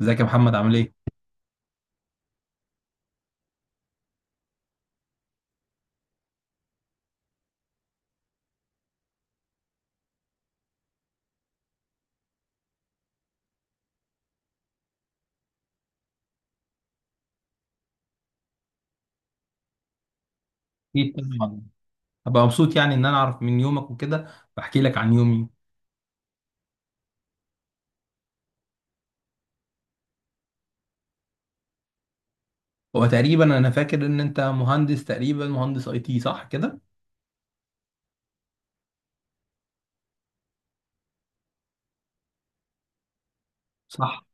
ازيك يا محمد عامل ايه؟ اكيد الحمد طبعا. هبقى مبسوط يعني ان انا اعرف من يومك وكده. بحكي لك عن يومي. هو تقريبا انا فاكر ان انت مهندس، تقريبا مهندس اي تي، صح كده؟ صح،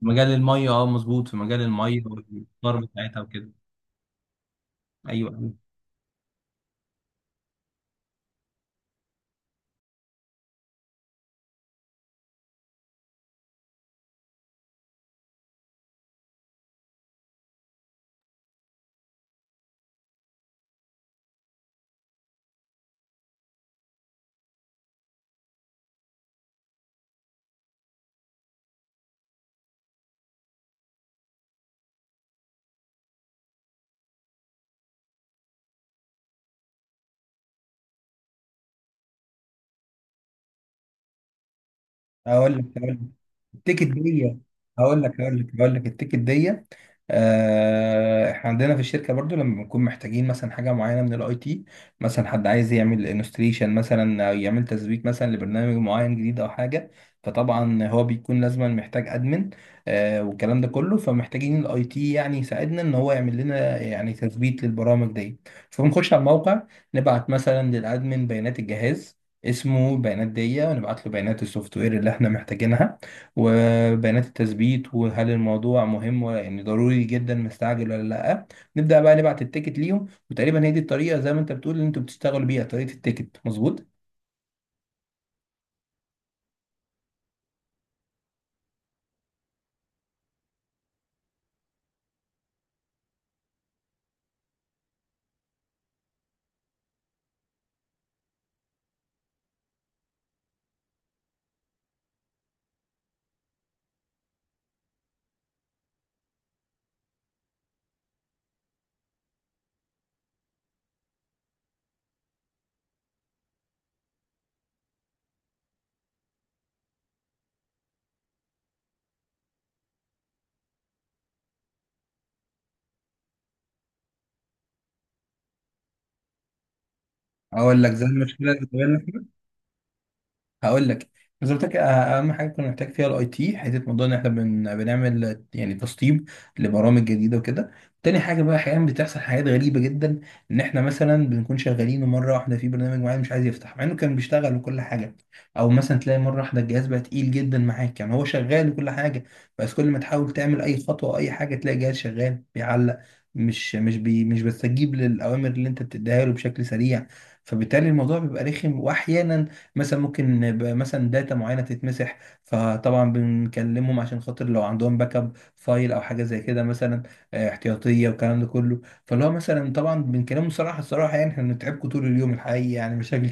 في مجال الميه، اه، مظبوط، في مجال الميه والصرف بتاعتها وكده. ايوه. هقول لك التيكت دي. هقول لك التيكت دي. احنا عندنا في الشركه برضو لما بنكون محتاجين مثلا حاجه معينه من الاي تي، مثلا حد عايز يعمل انستليشن مثلا او يعمل تثبيت مثلا لبرنامج معين جديد او حاجه. فطبعا هو بيكون لازما محتاج ادمن، والكلام ده كله، فمحتاجين الاي تي يعني يساعدنا ان هو يعمل لنا يعني تثبيت للبرامج دي. فبنخش على الموقع، نبعت مثلا للادمن بيانات الجهاز، اسمه بيانات دية، ونبعت له بيانات السوفت وير اللي احنا محتاجينها وبيانات التثبيت، وهل الموضوع مهم ولا يعني ضروري جدا مستعجل ولا لا. نبدأ بقى نبعت التيكت ليهم، وتقريبا هي دي الطريقة زي ما انت بتقول اللي انتوا بتشتغلوا بيها، طريقة التيكت، مظبوط؟ اقول لك زي المشكلة اللي هقول لك. زي ما قلت لك، اهم حاجه كنا محتاج فيها الاي تي حته موضوع ان احنا بنعمل، يعني، تسطيب لبرامج جديده وكده. تاني حاجه بقى، احيانا بتحصل حاجات غريبه جدا، ان احنا مثلا بنكون شغالين ومره واحده في برنامج معين مش عايز يفتح مع انه كان بيشتغل وكل حاجه. او مثلا تلاقي مره واحده الجهاز بقى تقيل جدا معاك، يعني هو شغال وكل حاجه، بس كل ما تحاول تعمل اي خطوه او اي حاجه تلاقي الجهاز شغال بيعلق، مش بتستجيب للاوامر اللي انت بتديها له بشكل سريع. فبالتالي الموضوع بيبقى رخم، واحيانا مثلا ممكن يبقى مثلا داتا معينه تتمسح، فطبعا بنكلمهم عشان خاطر لو عندهم باك اب فايل او حاجه زي كده مثلا، احتياطيه والكلام ده كله. فاللي هو مثلا طبعا بنكلمهم صراحه، الصراحه يعني احنا بنتعبكم طول اليوم، الحقيقه يعني مشاكل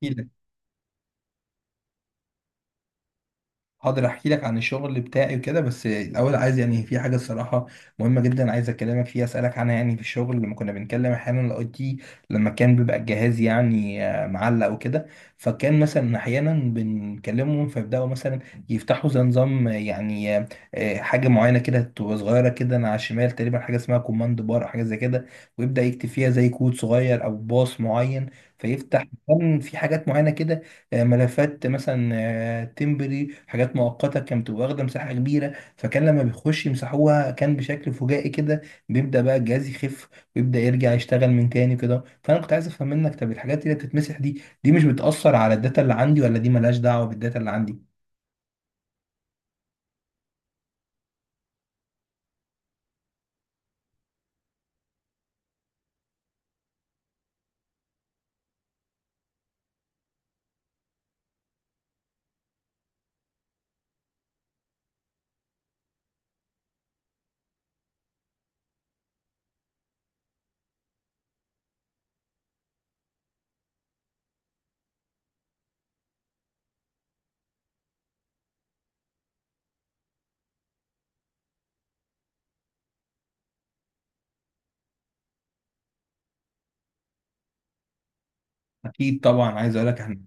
كتير. هقدر احكي لك عن الشغل بتاعي وكده، بس الاول عايز يعني في حاجه الصراحه مهمه جدا عايز اكلمك فيها، اسالك عنها. يعني في الشغل لما كنا بنتكلم احيانا الاي تي، لما كان بيبقى الجهاز يعني معلق وكده، فكان مثلا احيانا بنكلمهم فيبداوا مثلا يفتحوا زي نظام، يعني، حاجه معينه كده تبقى صغيره كده على الشمال تقريبا، حاجه اسمها كوماند بار او حاجه زي كده، ويبدا يكتب فيها زي كود صغير او باص معين فيفتح. كان في حاجات معينه كده، ملفات مثلا، تمبري، حاجات مؤقته كانت بتبقى واخده مساحه كبيره، فكان لما بيخش يمسحوها كان بشكل فجائي كده بيبدا بقى الجهاز يخف، ويبدا يرجع يشتغل من تاني كده. فانا كنت عايز افهم منك، طب الحاجات اللي بتتمسح دي مش بتاثر على الداتا اللي عندي، ولا دي ملهاش دعوه بالداتا اللي عندي؟ اكيد طبعا. عايز اقول لك احنا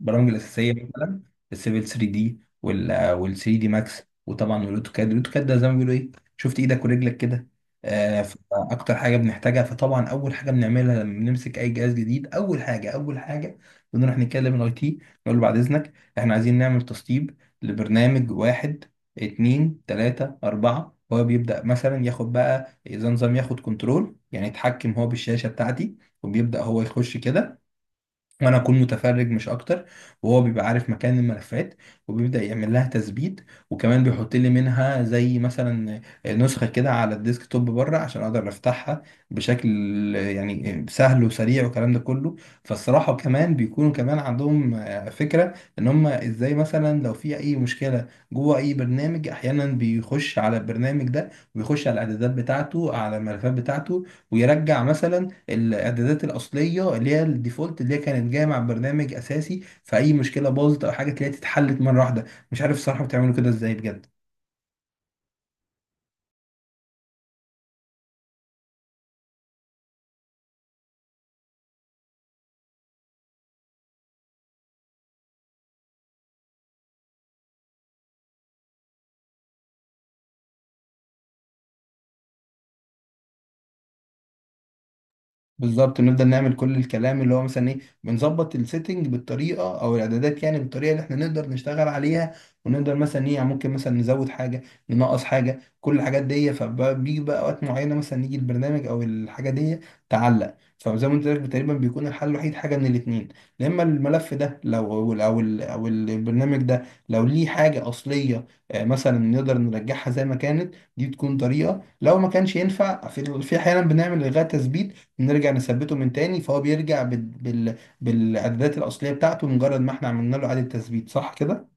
البرامج الاساسيه مثلا السيفل 3 دي وال 3 دي ماكس وطبعا الاوتوكاد ده زي ما بيقولوا ايه، شفت ايدك ورجلك كده. آه. اكتر حاجه بنحتاجها، فطبعا اول حاجه بنعملها لما بنمسك اي جهاز جديد، اول حاجه بنروح نتكلم الاي تي، نقول له بعد اذنك احنا عايزين نعمل تسطيب لبرنامج واحد، اتنين، تلاته، اربعه. هو بيبدا مثلا ياخد بقى اذا نظام، ياخد كنترول يعني يتحكم هو بالشاشه بتاعتي، وبيبدا هو يخش كده وانا اكون متفرج مش اكتر. وهو بيبقى عارف مكان الملفات وبيبدا يعمل لها تثبيت، وكمان بيحط لي منها زي مثلا نسخه كده على الديسك توب بره عشان اقدر افتحها بشكل يعني سهل وسريع والكلام ده كله. فالصراحه كمان بيكونوا كمان عندهم فكره ان هم ازاي مثلا لو في اي مشكله جوه اي برنامج، احيانا بيخش على البرنامج ده ويخش على الاعدادات بتاعته على الملفات بتاعته، ويرجع مثلا الاعدادات الاصليه اللي هي الديفولت اللي هي كانت جايه مع برنامج اساسي، فاي مشكله باظت او حاجه تلاقيها اتحلت مره واحده. مش عارف الصراحه بتعملوا كده ازاي بجد. بالظبط، نفضل نعمل كل الكلام اللي هو مثلا ايه، بنظبط السيتنج بالطريقه او الاعدادات، يعني بالطريقه اللي احنا نقدر نشتغل عليها، ونقدر مثلا ايه يعني ممكن مثلا نزود حاجه، ننقص حاجه، كل الحاجات دي. فبيجي بقى وقت معينه مثلا يجي البرنامج او الحاجه دي تعلق، فزي ما قلت لك تقريبا بيكون الحل الوحيد حاجه من الاثنين، يا اما الملف ده لو أو البرنامج ده لو ليه حاجه اصليه، مثلا نقدر نرجعها زي ما كانت، دي تكون طريقه. لو ما كانش ينفع، في احيانا بنعمل الغاء تثبيت، نرجع نثبته من تاني، فهو بيرجع بالإعدادات الأصلية بتاعته مجرد ما احنا عملنا له إعادة تثبيت، صح كده؟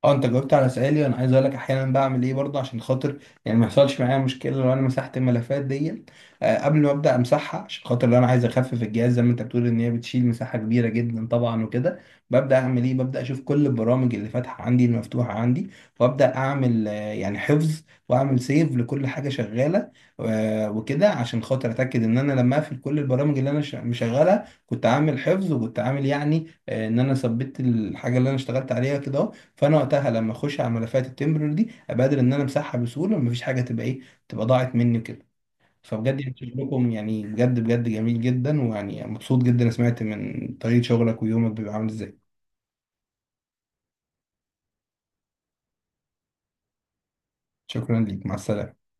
اه، انت جاوبت على سؤالي. انا عايز اقول لك احيانا بعمل ايه برضه، عشان خاطر يعني ما يحصلش معايا مشكله لو انا مسحت الملفات دي، قبل ما ابدا امسحها، عشان خاطر لو انا عايز اخفف الجهاز زي ما انت بتقول ان هي بتشيل مساحه كبيره جدا طبعا وكده، ببدا اعمل ايه ببدا اشوف كل البرامج اللي فاتحه عندي، المفتوحه عندي، وابدا اعمل يعني حفظ، واعمل سيف لكل حاجه شغاله، وكده، عشان خاطر اتاكد ان انا لما اقفل كل البرامج اللي انا مشغلها كنت عامل حفظ، وكنت عامل يعني ان انا ثبت الحاجه اللي انا اشتغلت عليها كده. فانا وقتها لما اخش على ملفات التمبرر دي ابقى قادر ان انا امسحها بسهوله، ومفيش حاجه تبقى ضاعت مني وكده. فبجد يعني شغلكم يعني بجد بجد جميل جدا، ويعني مبسوط جدا أنا سمعت من طريقه شغلك ويومك بيبقى عامل ازاي. شكرا ليك، مع السلامه.